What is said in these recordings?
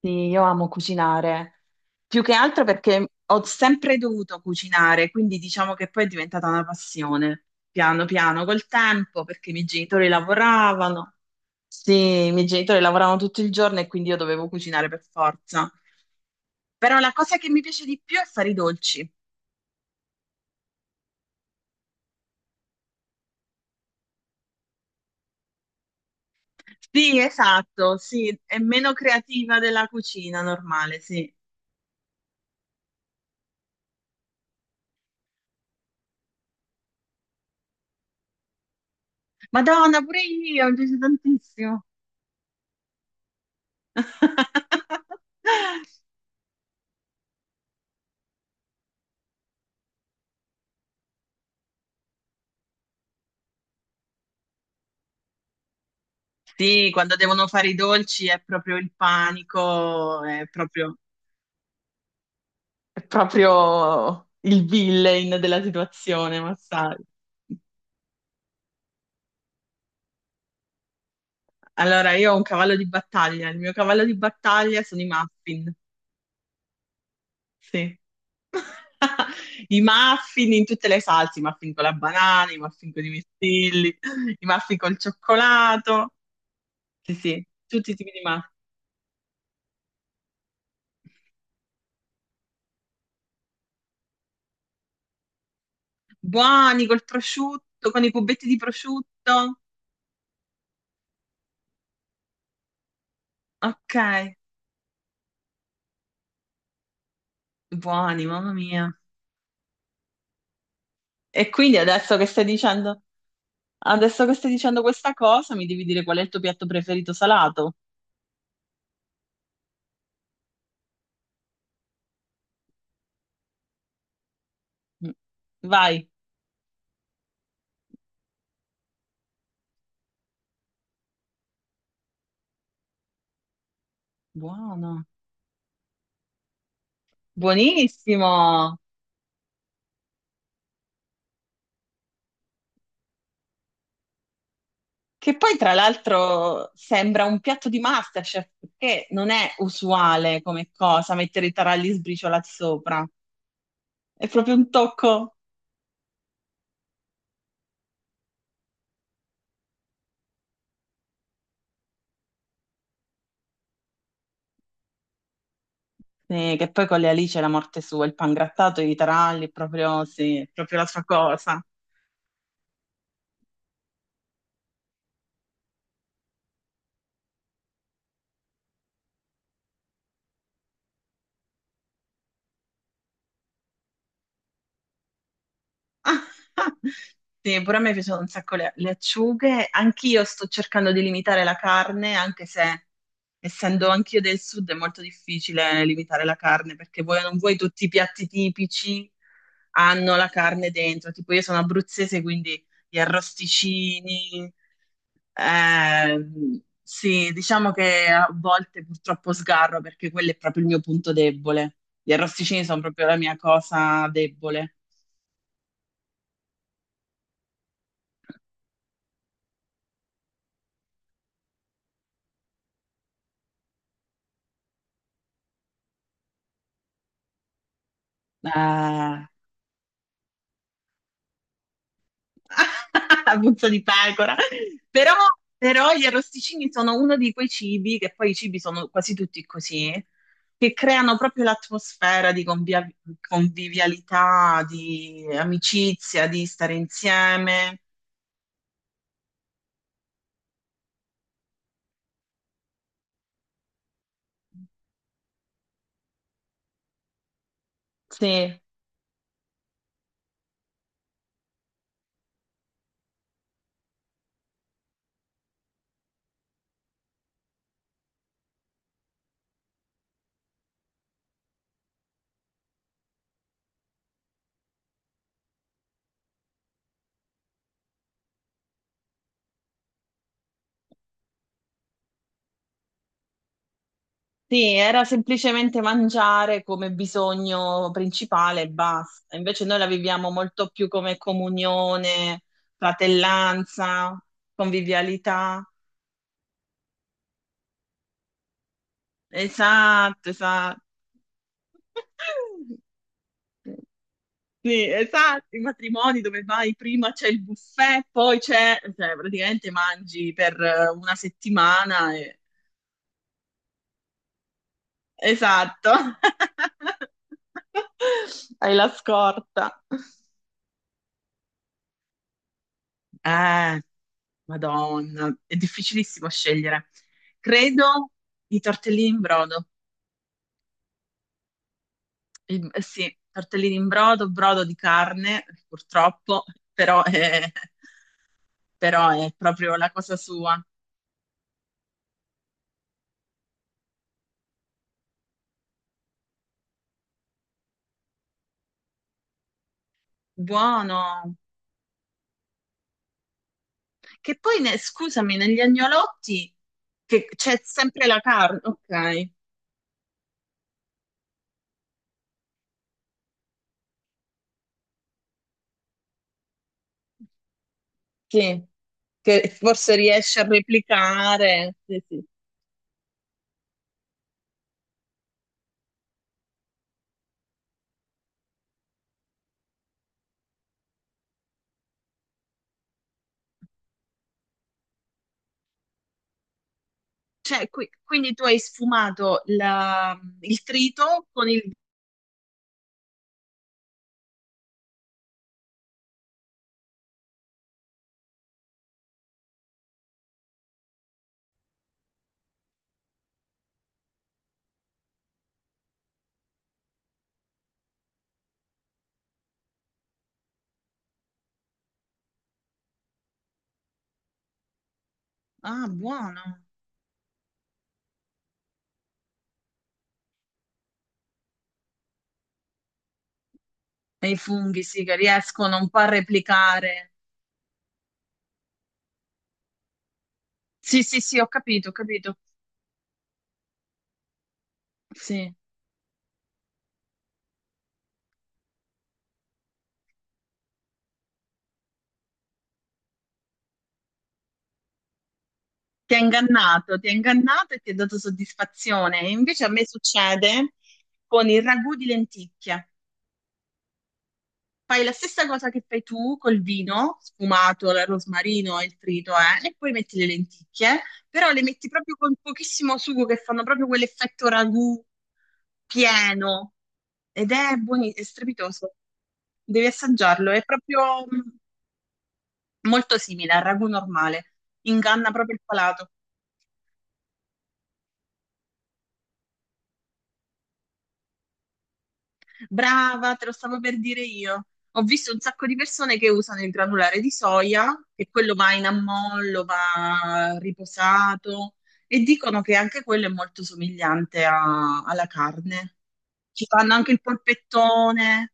Sì, io amo cucinare, più che altro perché ho sempre dovuto cucinare, quindi diciamo che poi è diventata una passione, piano piano, col tempo, perché i miei genitori lavoravano. Sì, i miei genitori lavoravano tutto il giorno e quindi io dovevo cucinare per forza. Però la cosa che mi piace di più è fare i dolci. Sì, esatto, sì, è meno creativa della cucina normale, sì. Madonna, pure io, mi piace tantissimo. Sì, quando devono fare i dolci è proprio il panico, è proprio il villain della situazione, ma sai. Allora, io ho un cavallo di battaglia, il mio cavallo di battaglia sono i muffin, sì. I muffin in tutte le salse, i muffin con la banana, i muffin con i mirtilli, i muffin col cioccolato, sì, sì, tutti i tipi di muffin. Buoni col prosciutto, con i cubetti di prosciutto, ok. Buoni, mamma mia. E quindi adesso che stai dicendo, adesso che stai dicendo questa cosa, mi devi dire qual è il tuo piatto preferito salato. Mm. Vai. Buono. Buonissimo. Che poi, tra l'altro, sembra un piatto di MasterChef, perché non è usuale come cosa mettere i taralli sbriciolati sopra. È proprio un tocco. Sì, che poi con le alici è la morte sua, il pangrattato, e i taralli, proprio, sì, è proprio la sua cosa. Sì, pure a me piacciono un sacco le acciughe. Anch'io sto cercando di limitare la carne, anche se essendo anch'io del sud è molto difficile limitare la carne, perché vuoi o non vuoi tutti i piatti tipici hanno la carne dentro. Tipo io sono abruzzese, quindi gli arrosticini. Sì, diciamo che a volte purtroppo sgarro perché quello è proprio il mio punto debole. Gli arrosticini sono proprio la mia cosa debole. Eh, puzza di pecora. Però, però gli arrosticini sono uno di quei cibi, che poi i cibi sono quasi tutti così, che creano proprio l'atmosfera di convivialità, di amicizia, di stare insieme. Sì, sì, era semplicemente mangiare come bisogno principale e basta. Invece noi la viviamo molto più come comunione, fratellanza, convivialità. Esatto, esatto. Sì, esatto, i matrimoni dove vai prima c'è il buffet, poi c'è, cioè praticamente mangi per una settimana e... Esatto. Hai la scorta. Eh, Madonna, è difficilissimo scegliere. Credo i tortellini in brodo. Sì, tortellini in brodo, brodo di carne, purtroppo, però è, però è proprio la cosa sua. Buono. Che poi, scusami, negli agnolotti che c'è sempre la carne, ok, sì, che forse riesce a replicare. Sì, sì. Cioè, quindi tu hai sfumato il trito con il... Ah, buono. E i funghi, sì, che riescono un po' a replicare. Sì, sì, sì, ho capito, ho capito. Sì. Ti ha ingannato e ti ha dato soddisfazione. E invece a me succede con il ragù di lenticchie. Fai la stessa cosa che fai tu col vino sfumato, il rosmarino e il trito, e poi metti le lenticchie, però le metti proprio con pochissimo sugo che fanno proprio quell'effetto ragù pieno ed è è strepitoso. Devi assaggiarlo, è proprio molto simile al ragù normale, inganna proprio il palato. Brava, te lo stavo per dire io. Ho visto un sacco di persone che usano il granulare di soia, che quello va in ammollo, va riposato, e dicono che anche quello è molto somigliante alla carne. Ci fanno anche il polpettone,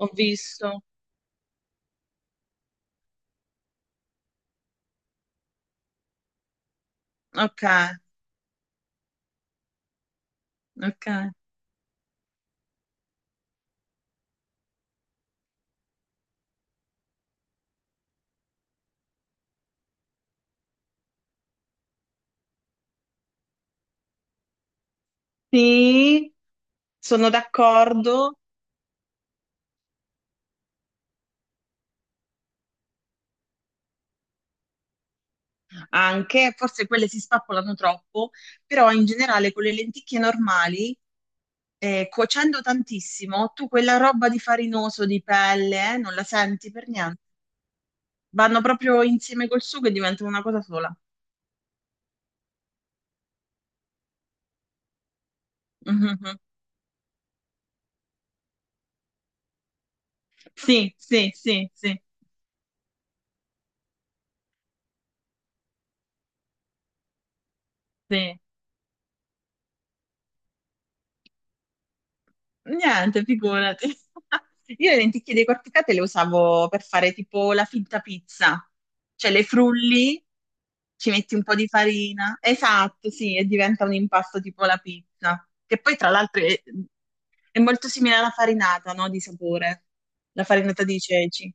ho visto. Ok, ok. Sì, sono d'accordo. Anche, forse quelle si spappolano troppo, però in generale con le lenticchie normali, cuocendo tantissimo, tu quella roba di farinoso, di pelle, non la senti per niente. Vanno proprio insieme col sugo e diventano una cosa sola. Mhm. Sì, sì, sì, sì, sì. Niente, figurati. Io le lenticchie decorticate le usavo per fare tipo la finta pizza, cioè le frulli, ci metti un po' di farina, esatto, sì, e diventa un impasto tipo la pizza, che poi tra l'altro è molto simile alla farinata, no, di sapore, la farinata di ceci.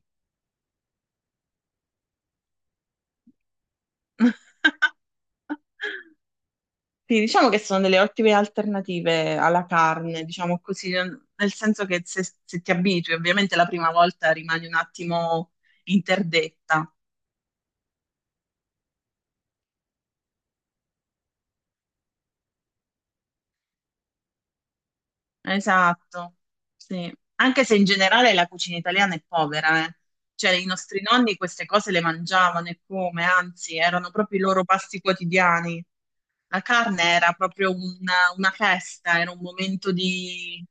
Sì, diciamo che sono delle ottime alternative alla carne, diciamo così, nel senso che se ti abitui, ovviamente la prima volta rimani un attimo interdetta. Esatto, sì. Anche se in generale la cucina italiana è povera, eh. Cioè i nostri nonni queste cose le mangiavano e come, anzi, erano proprio i loro pasti quotidiani. La carne era proprio una festa, era un momento di...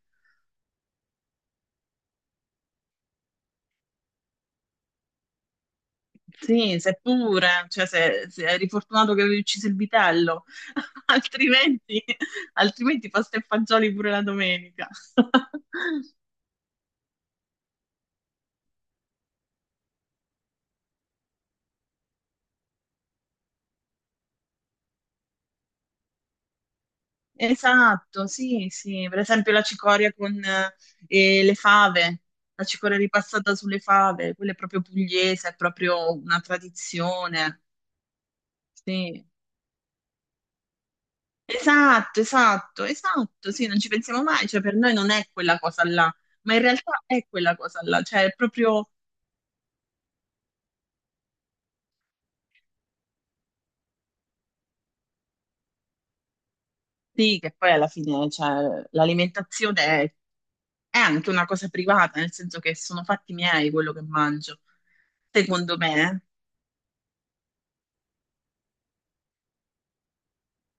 Sì, seppure, cioè se eri fortunato che avevi ucciso il vitello, altrimenti, altrimenti pasta e fagioli pure la domenica. Esatto, sì, sì, per esempio la cicoria con le fave, la cicoria ripassata sulle fave, quella è proprio pugliese, è proprio una tradizione. Sì. Esatto, esatto, esatto, sì, non ci pensiamo mai, cioè per noi non è quella cosa là, ma in realtà è quella cosa là, cioè è proprio... Sì, che poi alla fine, cioè, l'alimentazione è anche una cosa privata, nel senso che sono fatti miei quello che mangio, secondo me.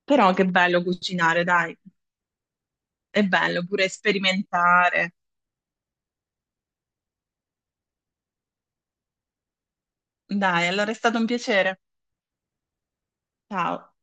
Però che bello cucinare, dai. È bello pure sperimentare. Dai, allora è stato un piacere. Ciao.